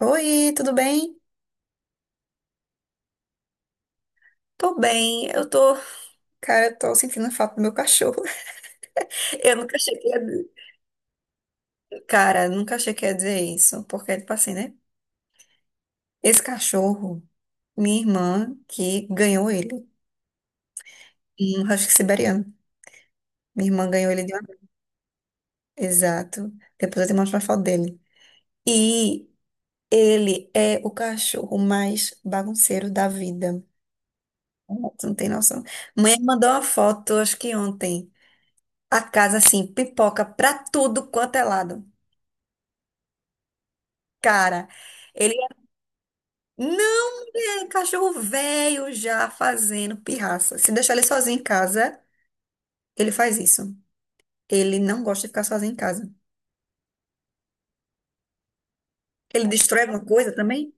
Oi, tudo bem? Tô bem, eu tô. Cara, eu tô sentindo falta do meu cachorro. Eu nunca achei que ia. Cara, nunca achei que ia dizer isso, porque, tipo assim, né? Esse cachorro, minha irmã, que ganhou ele, um husky siberiano. Minha irmã ganhou ele de uma. Exato. Depois eu te mostro uma foto dele. E ele é o cachorro mais bagunceiro da vida. Tu não tem noção. Mãe mandou uma foto, acho que ontem. A casa, assim, pipoca pra tudo quanto é lado. Cara, ele é- não é um cachorro velho já fazendo pirraça. Se deixar ele sozinho em casa, ele faz isso. Ele não gosta de ficar sozinho em casa. Ele destrói alguma coisa também?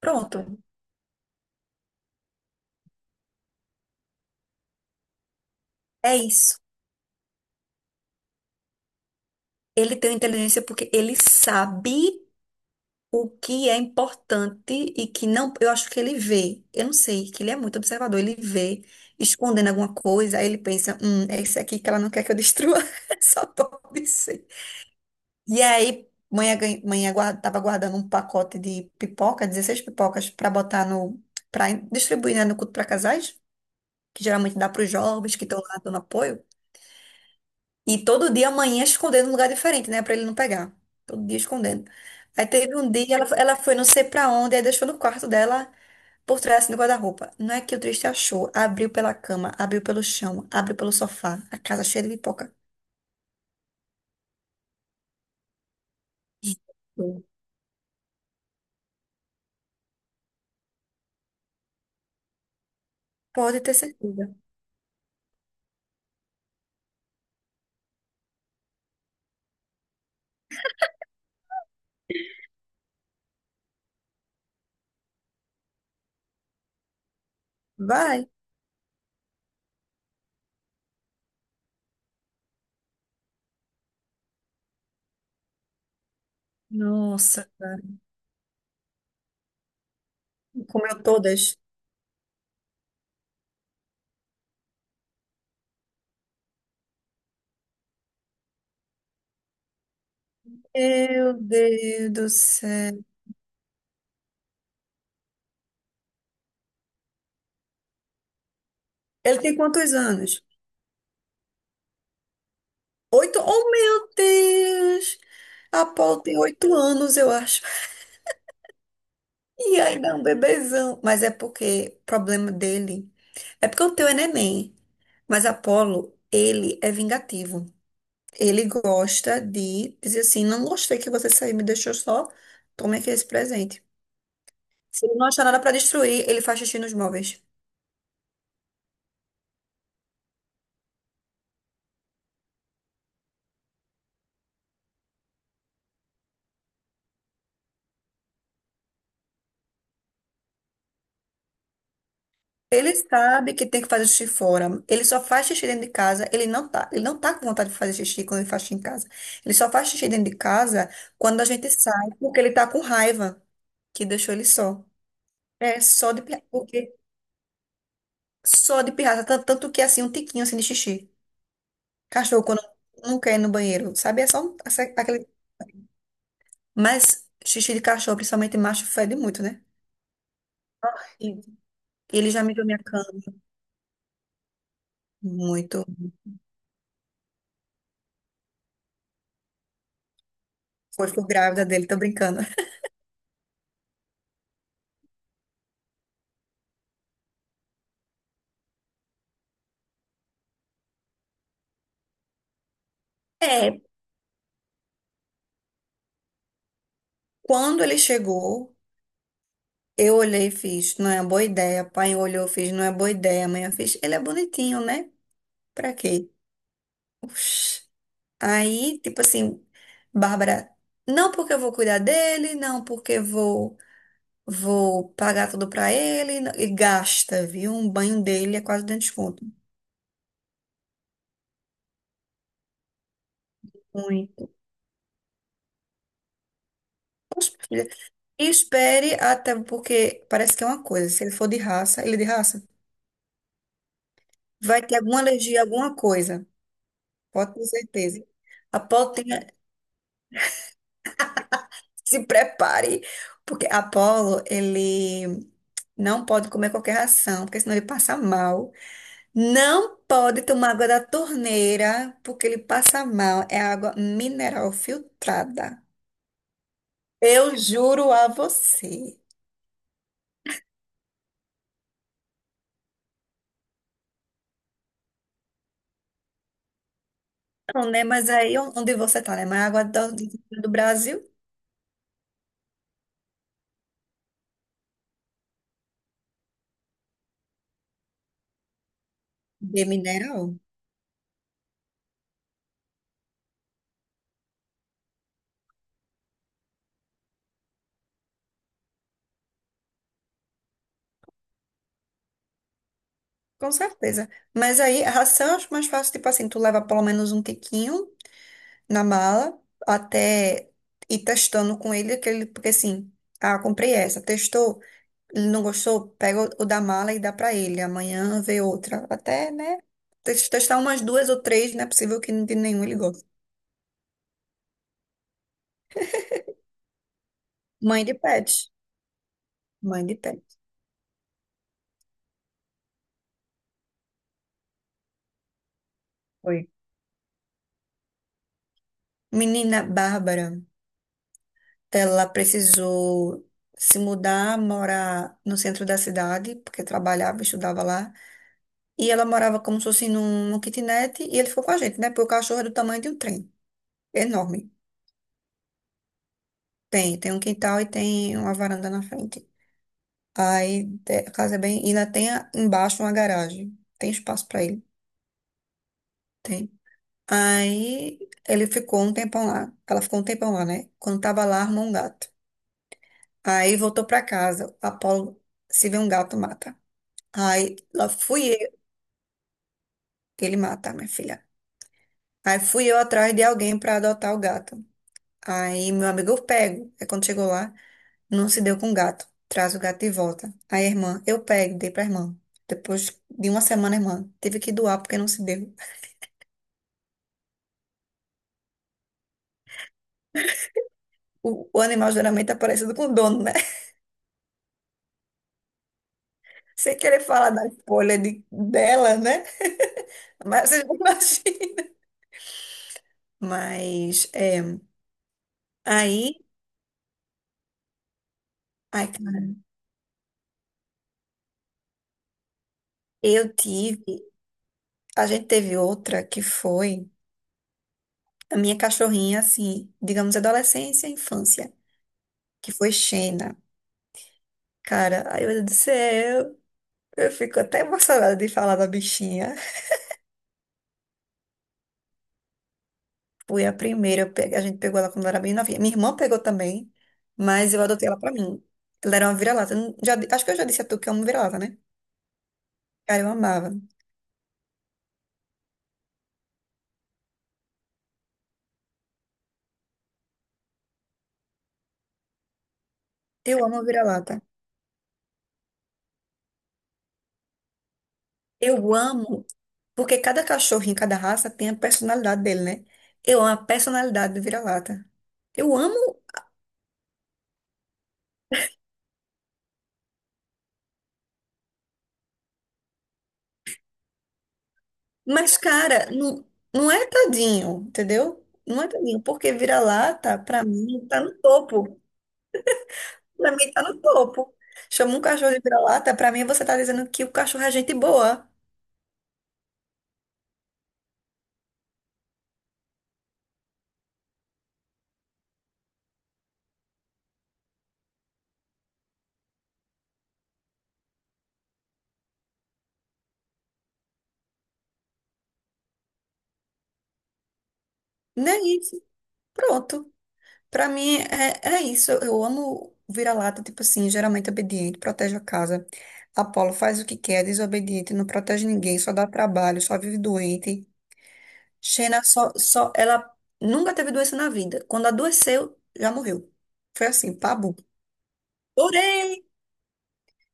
Pronto. É isso. Ele tem inteligência porque ele sabe o que é importante e que não. Eu acho que ele vê. Eu não sei, que ele é muito observador. Ele vê escondendo alguma coisa, aí ele pensa: é isso aqui que ela não quer que eu destrua. Só pode ser. E aí, mãe tava guardando um pacote de pipoca, 16 pipocas, para botar no. para distribuir, né, no culto para casais, que geralmente dá para os jovens que estão lá dando apoio. E todo dia a mãe ia escondendo num lugar diferente, né, para ele não pegar. Todo dia escondendo. Aí teve um dia, ela foi não sei para onde, aí deixou no quarto dela, por trás assim, do guarda-roupa. Não é que o triste achou. Abriu pela cama, abriu pelo chão, abriu pelo sofá, a casa cheia de pipoca. Pode ter certeza. Vai. Nossa. Comeu todas. Meu Deus do céu. Ele tem quantos anos? Oito? Oh, meu Deus! A Paul tem 8 anos, eu acho. E ainda é um bebezão. Mas é porque o problema dele. É porque o teu é neném. Mas Apolo, ele é vingativo. Ele gosta de dizer assim: não gostei que você saiu, me deixou só. Tome aqui esse presente. Se ele não achar nada pra destruir, ele faz xixi nos móveis. Ele sabe que tem que fazer xixi fora. Ele só faz xixi dentro de casa. Ele não tá com vontade de fazer xixi quando ele faz xixi em casa. Ele só faz xixi dentro de casa quando a gente sai, porque ele tá com raiva que deixou ele só. É só de pirraça, tanto que assim um tiquinho assim de xixi. Cachorro quando não quer ir no banheiro, sabe? É só aquele, mas xixi de cachorro, principalmente macho, fede muito, né? E ele já mijou minha cama muito. Foi, ficou grávida dele, tô brincando. É, quando ele chegou, eu olhei e fiz, não é boa ideia. Pai olhou, fiz, não é boa ideia. Mãe eu fiz, ele é bonitinho, né? Pra quê? Oxi. Aí, tipo assim, Bárbara, não porque eu vou cuidar dele, não porque eu vou pagar tudo pra ele, e gasta, viu? Um banho dele é quase dentro de desconto. Ruim. Filha, e espere até, porque parece que é uma coisa. Se ele for de raça, ele é de raça, vai ter alguma alergia, alguma coisa. Pode ter certeza. A. Se prepare, porque Apolo, ele não pode comer qualquer ração, porque senão ele passa mal. Não pode tomar água da torneira, porque ele passa mal. É água mineral filtrada. Eu juro a você. Não, né? Mas aí onde você tá, né? Mas a água do Brasil de mineral. Com certeza. Mas aí a ração eu acho mais fácil, tipo assim, tu leva pelo menos um tiquinho na mala até ir testando com ele aquele, porque assim, ah, comprei essa, testou, ele não gostou, pega o da mala e dá pra ele. Amanhã vê outra, até, né? Testar umas duas ou três, não é possível que de nenhum ele goste. Mãe de pet, mãe de pet. Foi. Menina Bárbara, ela precisou se mudar, morar no centro da cidade, porque trabalhava, estudava lá. E ela morava como se fosse num, kitnet, e ele ficou com a gente, né? Porque o cachorro é do tamanho de um trem. Enorme. Tem um quintal e tem uma varanda na frente. Aí a casa é bem. E ainda tem embaixo uma garagem. Tem espaço pra ele. Tem. Aí ele ficou um tempão lá. Ela ficou um tempão lá, né? Quando tava lá, armou um gato. Aí voltou pra casa. Apolo, se vê um gato, mata. Aí lá fui eu que ele mata, minha filha. Aí fui eu atrás de alguém pra adotar o gato. Aí meu amigo eu pego. Aí quando chegou lá. Não se deu com o gato. Traz o gato de volta. Aí a irmã, eu pego, dei pra irmã. Depois de uma semana, a irmã teve que doar porque não se deu. O animal geralmente tá parecido com o dono, né? Sem querer falar da escolha dela, né? Mas você já imagina. Mas, é, aí, ai, cara, eu tive, a gente teve outra que foi a minha cachorrinha, assim, digamos, adolescência e infância, que foi Xena. Cara, ai meu Deus do céu. Eu fico até emocionada de falar da bichinha. Fui a primeira, a gente pegou ela quando ela era bem novinha. Minha irmã pegou também, mas eu adotei ela pra mim. Ela era uma vira-lata. Eu não- já di- Acho que eu já disse a tu que eu amo vira-lata, né? Cara, eu amava. Eu amo vira-lata. Eu amo, porque cada cachorro em cada raça tem a personalidade dele, né? Eu amo a personalidade do vira-lata. Eu amo, mas, cara, não, não é tadinho, entendeu? Não é tadinho, porque vira-lata, pra mim, tá no topo. Pra mim tá no topo. Chama um cachorro de vira-lata, pra mim você tá dizendo que o cachorro é gente boa. Não é isso. Pronto. Pra mim é isso. Eu amo vira-lata, tipo assim, geralmente obediente, protege a casa. Apolo faz o que quer, desobediente, não protege ninguém, só dá trabalho, só vive doente. Xena ela nunca teve doença na vida. Quando adoeceu, já morreu. Foi assim, pabu. Porém,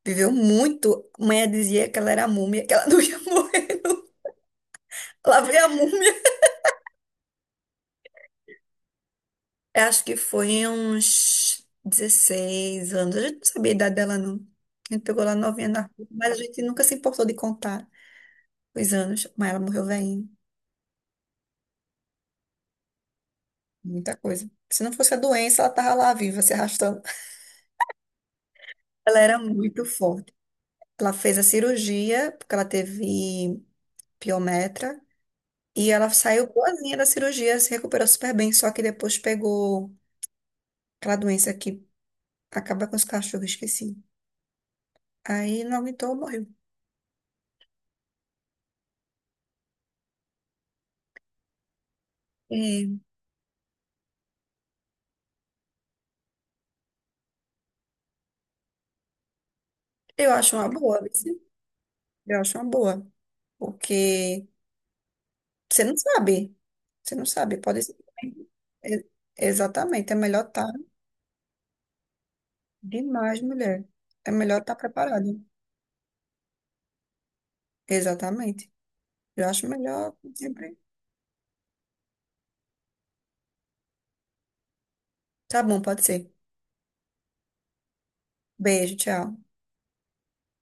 viveu muito. Mãe dizia que ela era múmia, que ela não ia morrer. Não. Lá veio a múmia. Eu acho que foi uns 16 anos. A gente não sabia a idade dela, não. A gente pegou lá novinha na rua, mas a gente nunca se importou de contar os anos. Mas ela morreu velhinha. Muita coisa. Se não fosse a doença, ela tava lá viva, se arrastando. Ela era muito forte. Ela fez a cirurgia, porque ela teve piometra. E ela saiu boazinha da cirurgia, se recuperou super bem. Só que depois pegou aquela doença que acaba com os cachorros, esqueci. Aí não aguentou, morreu. É, eu acho uma boa. Eu acho uma boa, porque você não sabe, você não sabe, pode ser. E- Exatamente, é melhor estar demais, mulher. É melhor estar preparado. Exatamente. Eu acho melhor sempre. Tá bom, pode ser. Beijo, tchau.